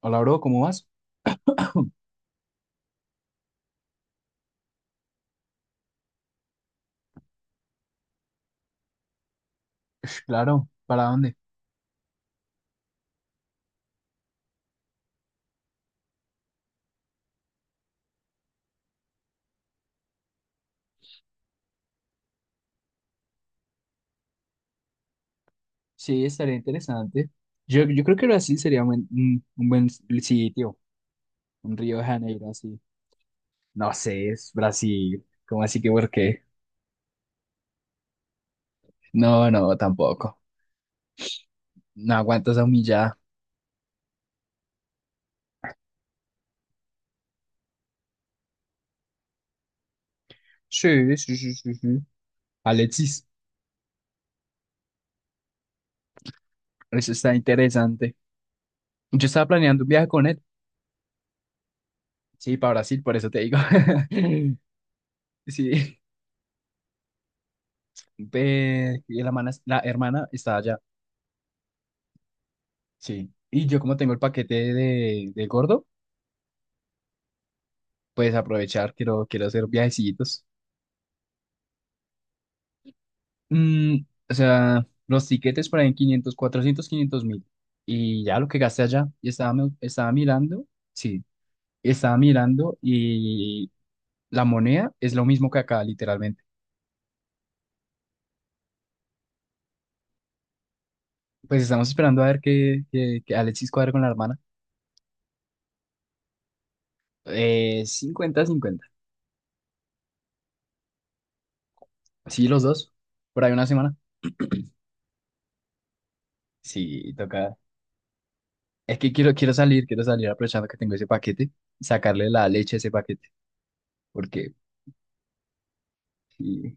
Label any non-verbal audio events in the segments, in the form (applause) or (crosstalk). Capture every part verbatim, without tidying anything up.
Hola, bro, ¿cómo vas? (coughs) (clears throat) Ush, claro, ¿para dónde? Sí, estaría interesante. Yo, yo creo que Brasil sería un, buen un- un buen sitio, un Río de Janeiro así. No sé, es Brasil. ¿Cómo así que por qué? No, no, tampoco. No aguanto esa humillada. Sí, sí, sí, sí, sí. Alexis, eso está interesante. Yo estaba planeando un viaje con él. Sí, para Brasil, por eso te digo. (laughs) Sí. Ve, y la, mana- la hermana está allá. Sí. Y yo como tengo el paquete de, de gordo, pues aprovechar, quiero, quiero hacer viajecitos. Mm, o sea, los tiquetes por ahí en quinientos cuatrocientos quinientos mil. Y ya lo que gasté allá, y estaba, me- estaba mirando, sí, estaba mirando y la moneda es lo mismo que acá, literalmente. Pues estamos esperando a ver que, que, que Alexis cuadre con la hermana. Eh, cincuenta cincuenta. Sí, los dos, por ahí una semana. Sí, toca. Es que quiero, quiero salir, quiero salir aprovechando que tengo ese paquete, sacarle la leche a ese paquete, porque sí,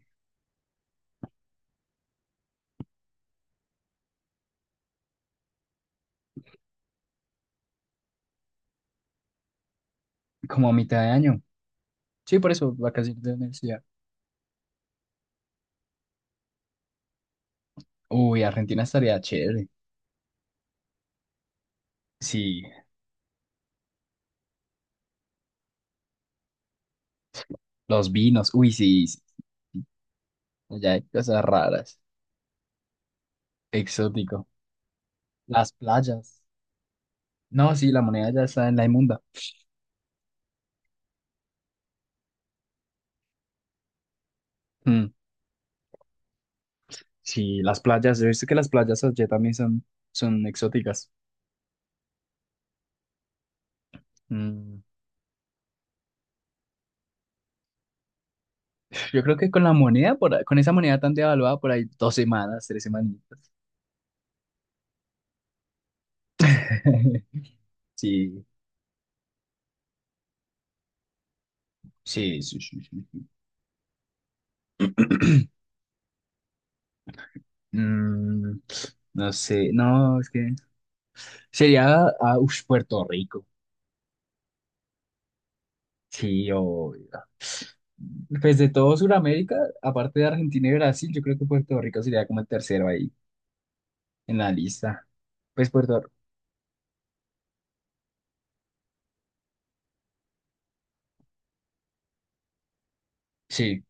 como a mitad de año. Sí, por eso, vacaciones de universidad. Uy, Argentina estaría chévere. Sí, los vinos, uy, sí, sí, sí. Allá hay cosas raras, exótico. Las playas. No, sí, la moneda ya está en la inmunda. Mm, sí, las playas, yo he visto que las playas allá también son, son exóticas. Mm, Yo creo que con la moneda, por, ahí- con esa moneda tan devaluada, por ahí dos semanas, tres semanitas. (laughs) Sí, sí, sí, sí, sí. Mm, no sé, no, es que sería a Puerto Rico. Sí, o pues de todo Sudamérica, aparte de Argentina y Brasil, yo creo que Puerto Rico sería como el tercero ahí en la lista. Pues Puerto, sí.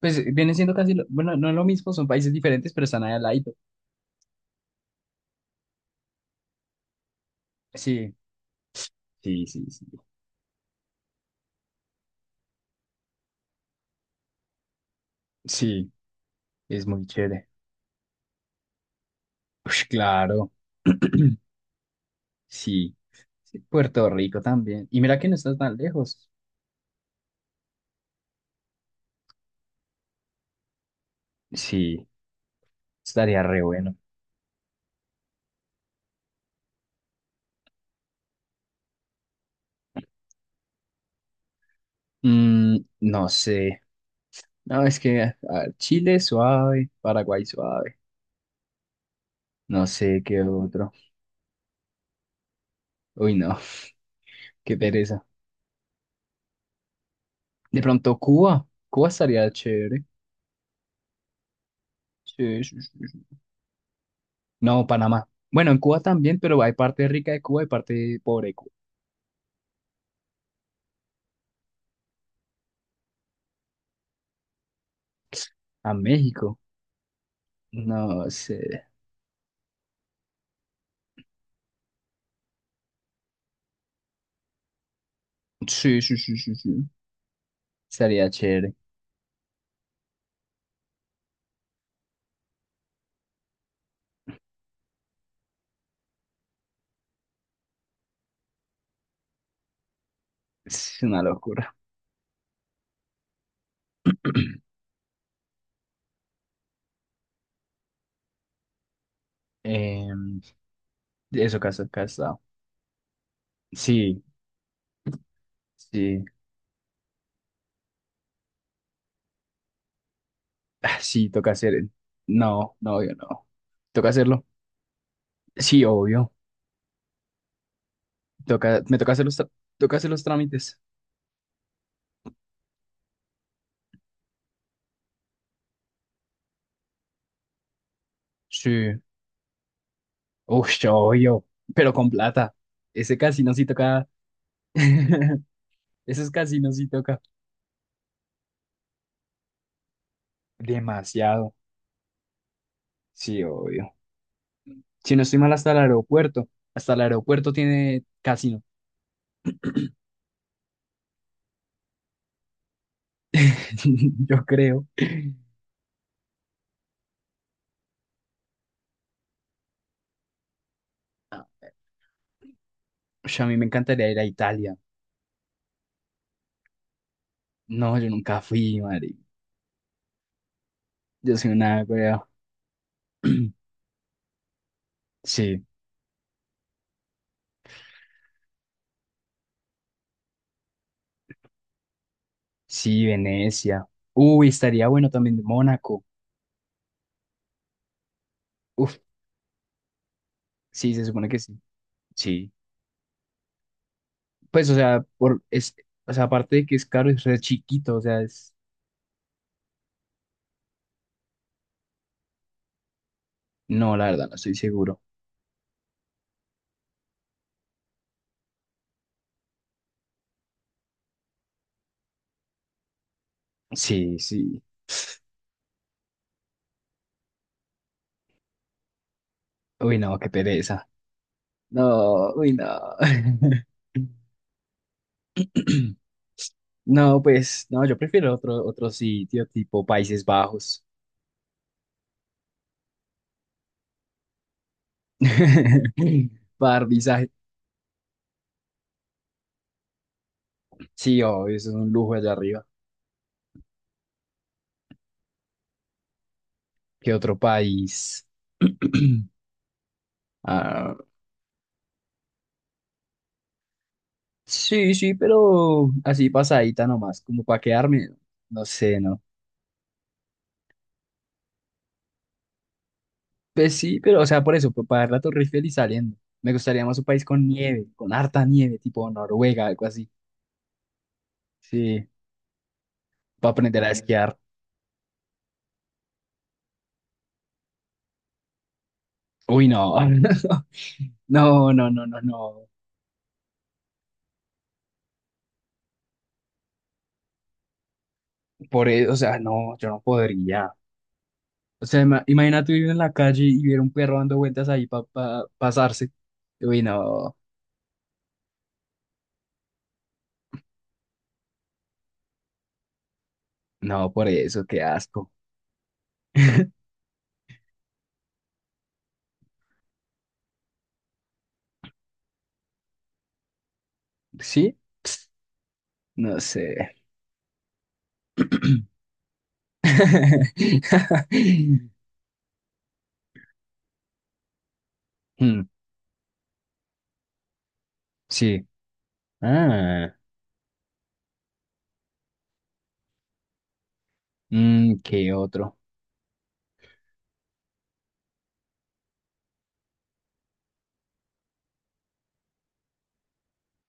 Pues viene siendo casi lo- bueno, no es lo mismo, son países diferentes, pero están ahí al lado. Sí, sí, sí, sí. Sí, es muy chévere. Ush, claro. (clears throat) Sí. Sí, Puerto Rico también. Y mira que no estás tan lejos. Sí, estaría re bueno. Mm, no sé. No, es que a ver, Chile suave, Paraguay suave. No sé qué otro. Uy, no, (laughs) qué pereza. De pronto Cuba. Cuba estaría chévere. Sí, sí, sí, sí. No, Panamá. Bueno, en Cuba también, pero hay parte rica de Cuba y parte pobre de Cuba. A México. No sé. Sí, sí, sí, sí, sí. Estaría chévere. Es una locura. Em, eso, caso, casado. Sí, sí. Ah, sí, toca hacer. No, no, yo no. Toca hacerlo. Sí, obvio. Toca, me toca hacer los, tra- toca hacer los trámites. Sí. Uf, obvio. Pero con plata. Ese casino sí toca. (laughs) Esos casinos sí toca. Demasiado. Sí, obvio. Si no estoy mal, hasta el aeropuerto. Hasta el aeropuerto tiene casino. (laughs) Yo creo. Ah, ush, a mí me encantaría ir a Italia. No, yo nunca fui, madre. Yo soy una wea. (clears throat) Sí. Sí, Venecia. Uy, estaría bueno también Mónaco. Uf, sí, se supone que sí. Sí. Pues, o sea, por, es, o sea, aparte de que es caro, es re chiquito, o sea, es... No, la verdad, no estoy seguro. Sí, sí. Uy, no, qué pereza. No, uy, no. (laughs) No, pues, no, yo prefiero otro, otro sitio, tipo Países Bajos. (laughs) Para dar visaje. Sí, obvio, eso es un lujo allá arriba. ¿Qué otro país? Ah, sí, sí, pero así pasadita nomás, como para quedarme, no sé, ¿no? Pues sí, pero o sea, por eso, pa- para ver la Torre Eiffel y saliendo. Me gustaría más un país con nieve, con harta nieve, tipo Noruega, algo así. Sí, para aprender a esquiar. Uy, no. (laughs) No, no, no, no, no. Por eso, o sea, no, yo no podría. O sea, ima- imagínate vivir en la calle y ver un perro dando vueltas ahí para pasarse. Uy, no, no, por eso, qué asco. (laughs) ¿Sí? No sé. (laughs) Hmm, sí. Ah, mm, ¿qué otro?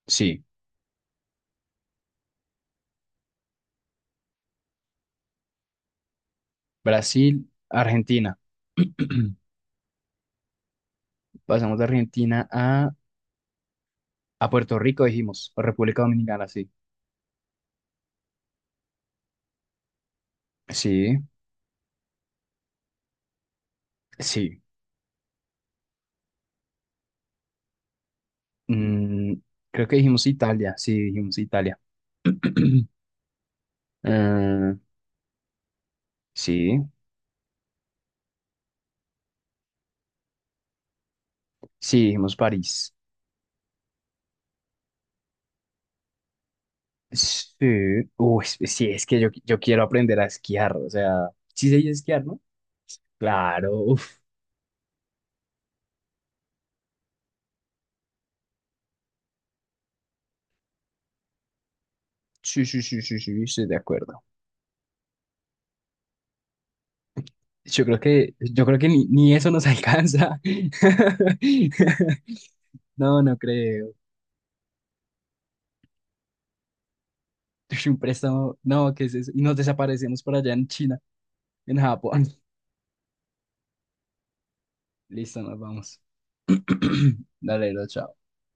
Sí. Brasil, Argentina. (clears throat) Pasamos de Argentina a, a Puerto Rico, dijimos, o República Dominicana, sí. Sí, sí. Mm, Creo que dijimos Italia, sí, dijimos Italia. (clears throat) Ah, sí, sí, dijimos París. Sí, uy, sí, es que yo, yo quiero aprender a esquiar, o sea, sí sé esquiar, ¿no? Claro, sí, sí, sí, sí, sí, estoy de acuerdo. Yo creo que, yo creo que ni, ni eso nos (laughs) alcanza. (laughs) No, no creo. Ush, un préstamo, no, ¿qué es eso? Y nos desaparecemos por allá en China, en Japón. Listo, nos vamos. (clears throat) Dale, lo chao.